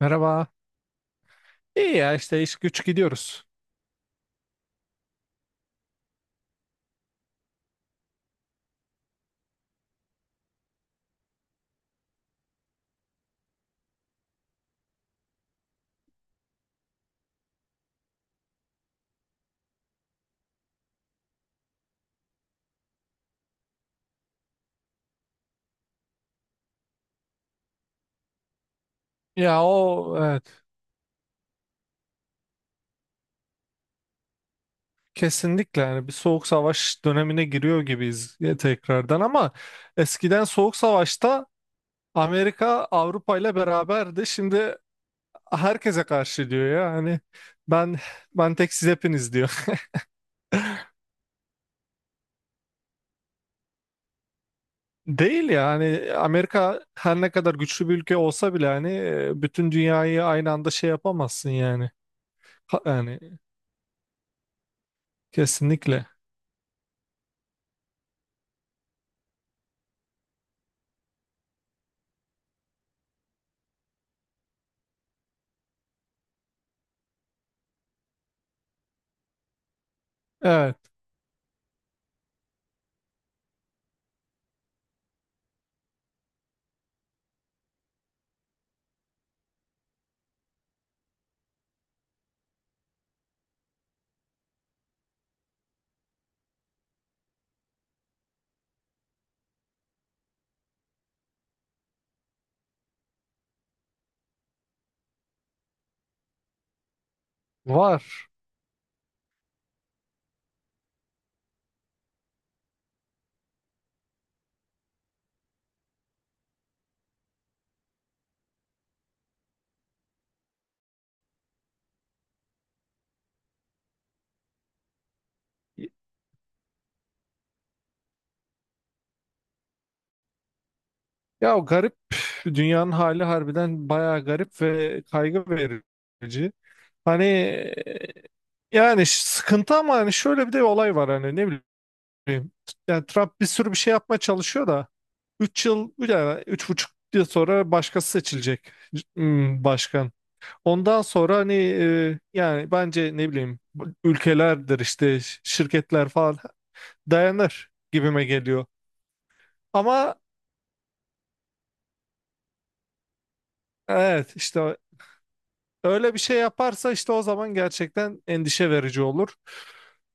Merhaba. İyi ya işte iş güç gidiyoruz. Ya o evet kesinlikle yani bir soğuk savaş dönemine giriyor gibiyiz ya tekrardan ama eskiden soğuk savaşta Amerika Avrupa ile beraberdi. Şimdi herkese karşı diyor ya hani ben ben tek siz hepiniz diyor. Değil ya hani Amerika her ne kadar güçlü bir ülke olsa bile hani bütün dünyayı aynı anda şey yapamazsın yani. Yani kesinlikle. Evet var. Ya o garip dünyanın hali harbiden bayağı garip ve kaygı verici. Hani yani sıkıntı ama hani şöyle bir de olay var hani ne bileyim. Yani Trump bir sürü bir şey yapmaya çalışıyor da 3 yıl yani 3,5 yıl sonra başkası seçilecek başkan. Ondan sonra hani yani bence ne bileyim bu ülkelerdir işte şirketler falan dayanır gibime geliyor. Ama evet işte öyle bir şey yaparsa işte o zaman gerçekten endişe verici olur.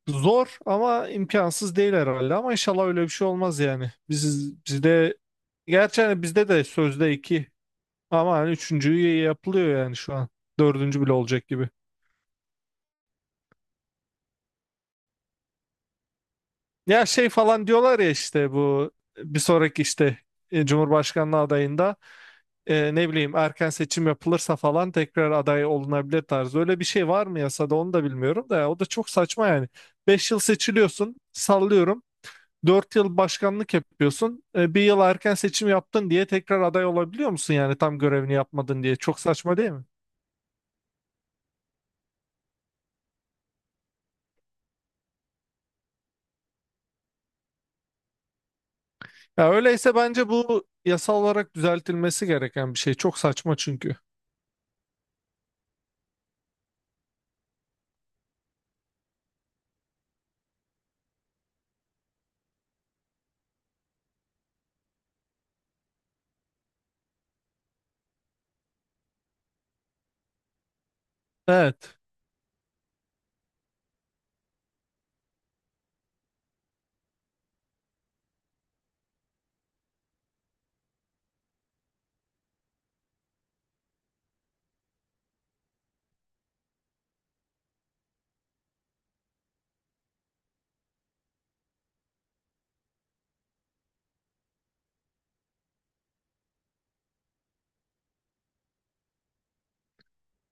Zor ama imkansız değil herhalde ama inşallah öyle bir şey olmaz yani. Bizde gerçi hani bizde de sözde iki ama hani üçüncüyü yapılıyor yani şu an. Dördüncü bile olacak gibi. Ya şey falan diyorlar ya işte bu bir sonraki işte Cumhurbaşkanlığı adayında ne bileyim erken seçim yapılırsa falan tekrar aday olunabilir tarzı. Öyle bir şey var mı yasada onu da bilmiyorum da ya, o da çok saçma yani. 5 yıl seçiliyorsun sallıyorum. 4 yıl başkanlık yapıyorsun. Bir yıl erken seçim yaptın diye tekrar aday olabiliyor musun yani tam görevini yapmadın diye. Çok saçma değil mi? Ya öyleyse bence bu yasal olarak düzeltilmesi gereken bir şey. Çok saçma çünkü. Evet.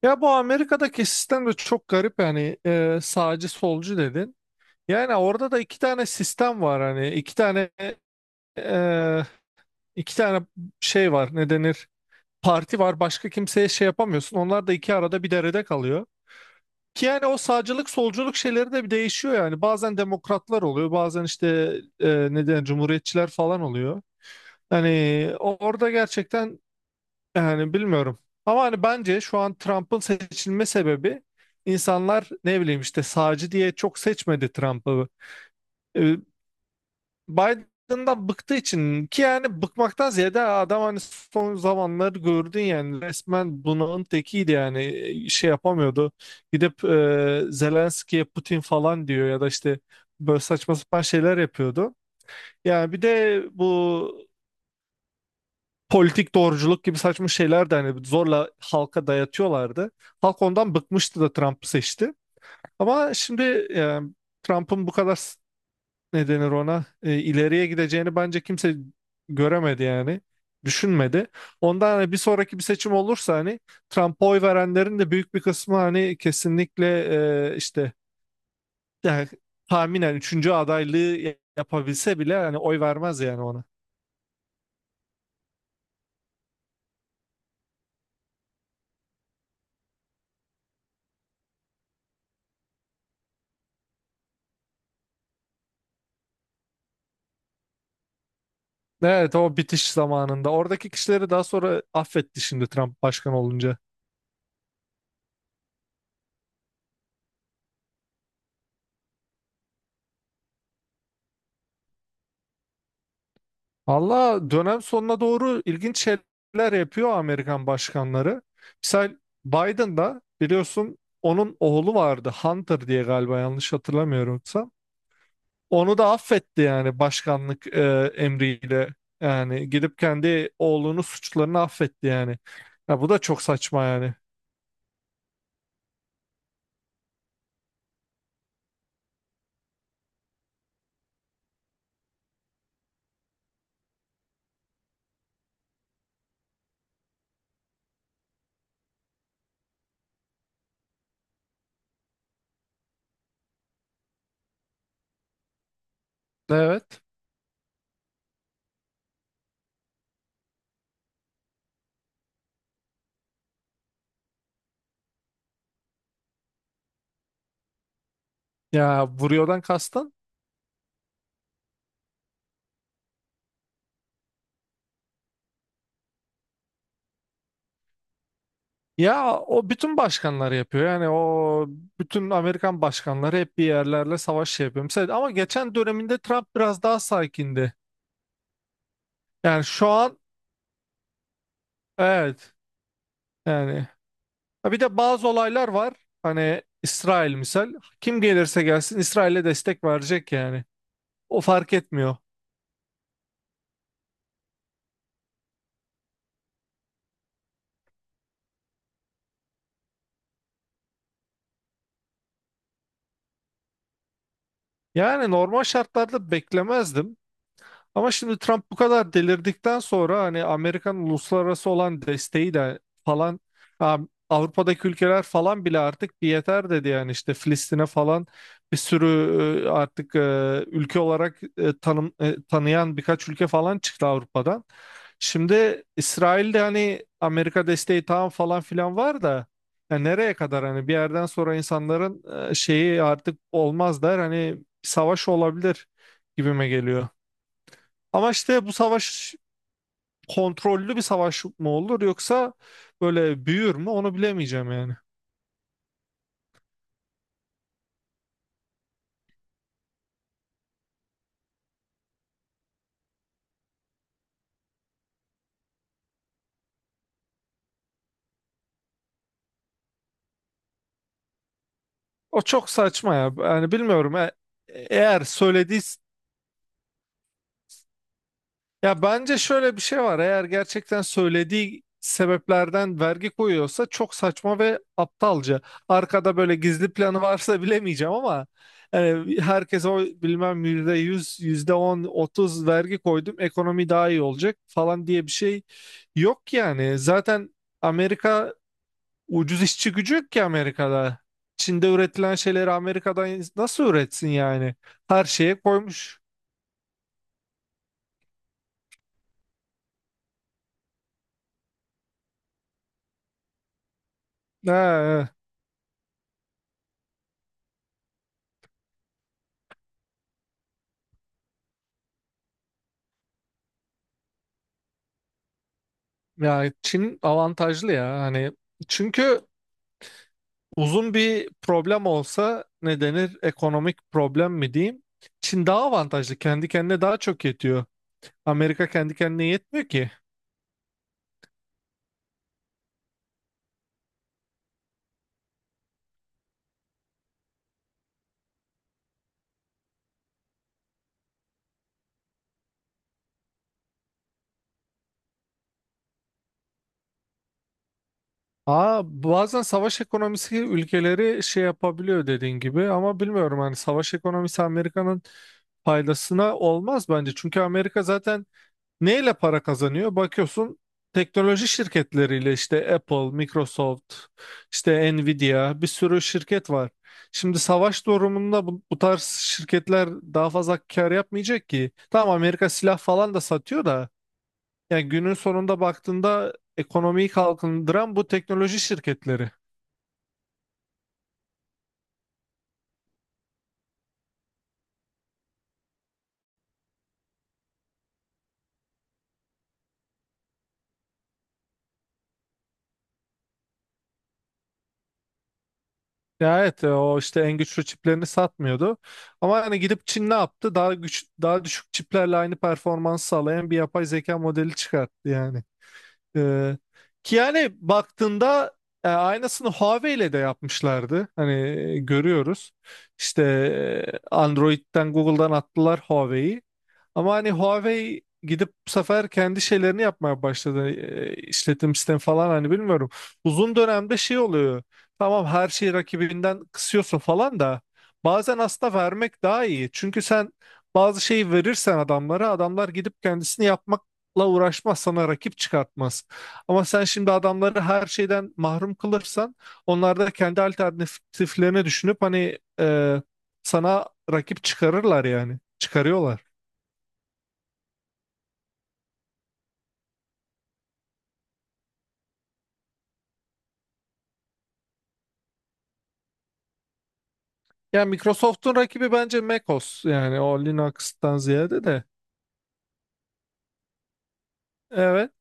Ya bu Amerika'daki sistem de çok garip yani sağcı solcu dedin. Yani orada da iki tane sistem var hani e, iki tane şey var ne denir parti var başka kimseye şey yapamıyorsun. Onlar da iki arada bir derede kalıyor. Ki yani o sağcılık solculuk şeyleri de bir değişiyor yani. Bazen demokratlar oluyor, bazen işte e, ne cumhuriyetçiler falan oluyor. Hani orada gerçekten yani bilmiyorum. Ama hani bence şu an Trump'ın seçilme sebebi insanlar ne bileyim işte sağcı diye çok seçmedi Trump'ı. E, Biden'dan bıktığı için ki yani bıkmaktan ziyade adam hani son zamanları gördün yani resmen bunalım tekiydi yani şey yapamıyordu. Gidip Zelenski'ye Putin falan diyor ya da işte böyle saçma sapan şeyler yapıyordu. Yani bir de bu politik doğruculuk gibi saçma şeyler de hani zorla halka dayatıyorlardı. Halk ondan bıkmıştı da Trump'ı seçti. Ama şimdi yani Trump'ın bu kadar ne denir ona ileriye gideceğini bence kimse göremedi yani düşünmedi. Ondan hani bir sonraki bir seçim olursa hani Trump'a oy verenlerin de büyük bir kısmı hani kesinlikle işte yani tahminen üçüncü adaylığı yapabilse bile hani oy vermez yani ona. Evet o bitiş zamanında. Oradaki kişileri daha sonra affetti şimdi Trump başkan olunca. Valla dönem sonuna doğru ilginç şeyler yapıyor Amerikan başkanları. Misal Biden da biliyorsun onun oğlu vardı Hunter diye galiba yanlış hatırlamıyorumsa. Onu da affetti yani başkanlık emriyle. Yani gidip kendi oğlunun suçlarını affetti yani. Ya bu da çok saçma yani. Evet. Ya vuruyordan kastın? Ya o bütün başkanlar yapıyor. Yani o bütün Amerikan başkanları hep bir yerlerle savaş şey yapıyor. Mesela, ama geçen döneminde Trump biraz daha sakindi. Yani şu an evet yani. Ha, bir de bazı olaylar var. Hani İsrail misal. Kim gelirse gelsin İsrail'e destek verecek yani. O fark etmiyor. Yani normal şartlarda beklemezdim. Ama şimdi Trump bu kadar delirdikten sonra hani Amerikan uluslararası olan desteği de falan ha, Avrupa'daki ülkeler falan bile artık bir yeter dedi yani işte Filistin'e falan bir sürü artık ülke olarak tanıyan birkaç ülke falan çıktı Avrupa'dan. Şimdi İsrail'de hani Amerika desteği tamam falan filan var da ya nereye kadar hani bir yerden sonra insanların şeyi artık olmaz der hani savaş olabilir gibime geliyor. Ama işte bu savaş kontrollü bir savaş mı olur yoksa böyle büyür mü onu bilemeyeceğim yani. O çok saçma ya. Yani bilmiyorum. E- eğer söylediği Ya bence şöyle bir şey var. Eğer gerçekten söylediği sebeplerden vergi koyuyorsa çok saçma ve aptalca. Arkada böyle gizli planı varsa bilemeyeceğim ama yani herkes o bilmem %100, yüzde on, 30 vergi koydum ekonomi daha iyi olacak falan diye bir şey yok yani. Zaten Amerika ucuz işçi gücü yok ki Amerika'da. Çin'de üretilen şeyleri Amerika'dan nasıl üretsin yani? Her şeye koymuş. Ha, ya Çin avantajlı ya hani çünkü uzun bir problem olsa ne denir ekonomik problem mi diyeyim Çin daha avantajlı kendi kendine daha çok yetiyor Amerika kendi kendine yetmiyor ki. Aa bazen savaş ekonomisi ülkeleri şey yapabiliyor dediğin gibi ama bilmiyorum hani savaş ekonomisi Amerika'nın faydasına olmaz bence çünkü Amerika zaten neyle para kazanıyor? Bakıyorsun teknoloji şirketleriyle işte Apple, Microsoft, işte Nvidia bir sürü şirket var. Şimdi savaş durumunda bu tarz şirketler daha fazla kar yapmayacak ki. Tamam Amerika silah falan da satıyor da yani günün sonunda baktığında ekonomiyi kalkındıran bu teknoloji şirketleri. Ya evet o işte en güçlü çiplerini satmıyordu. Ama hani gidip Çin ne yaptı? Daha güç daha düşük çiplerle aynı performans sağlayan bir yapay zeka modeli çıkarttı yani. Ee, ki yani baktığında aynısını Huawei ile de yapmışlardı. Hani görüyoruz. İşte Android'den Google'dan attılar Huawei'yi. Ama hani Huawei gidip bu sefer kendi şeylerini yapmaya başladı. E, işletim sistemi falan hani bilmiyorum. Uzun dönemde şey oluyor. Tamam her şeyi rakibinden kısıyorsun falan da bazen aslında vermek daha iyi. Çünkü sen bazı şeyi verirsen adamlara adamlar gidip kendisini yapmakla uğraşmaz sana rakip çıkartmaz. Ama sen şimdi adamları her şeyden mahrum kılırsan onlar da kendi alternatiflerini düşünüp hani sana rakip çıkarırlar yani çıkarıyorlar. Yani Microsoft'un rakibi bence macOS yani o Linux'tan ziyade de. Evet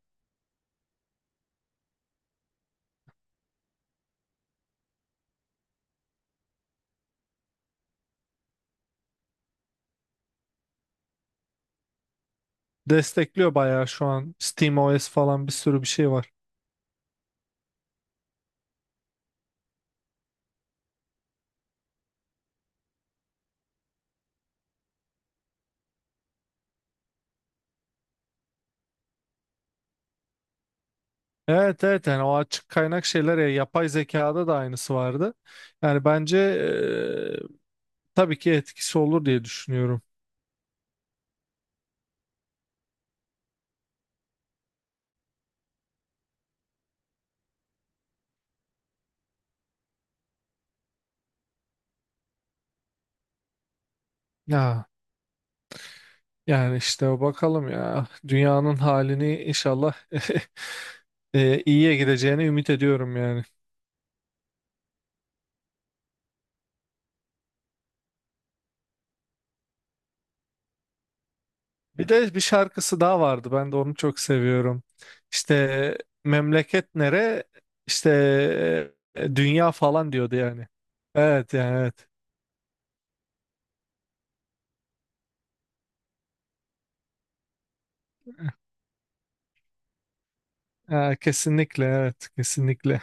destekliyor bayağı şu an SteamOS falan bir sürü bir şey var. Evet, evet yani o açık kaynak şeyler ya yapay zekada da aynısı vardı. Yani bence tabii ki etkisi olur diye düşünüyorum. Ya yani işte bakalım ya dünyanın halini inşallah iyiye gideceğini ümit ediyorum yani. Bir de bir şarkısı daha vardı. Ben de onu çok seviyorum. İşte memleket nere? İşte dünya falan diyordu yani. Evet yani evet. Ha, kesinlikle evet kesinlikle.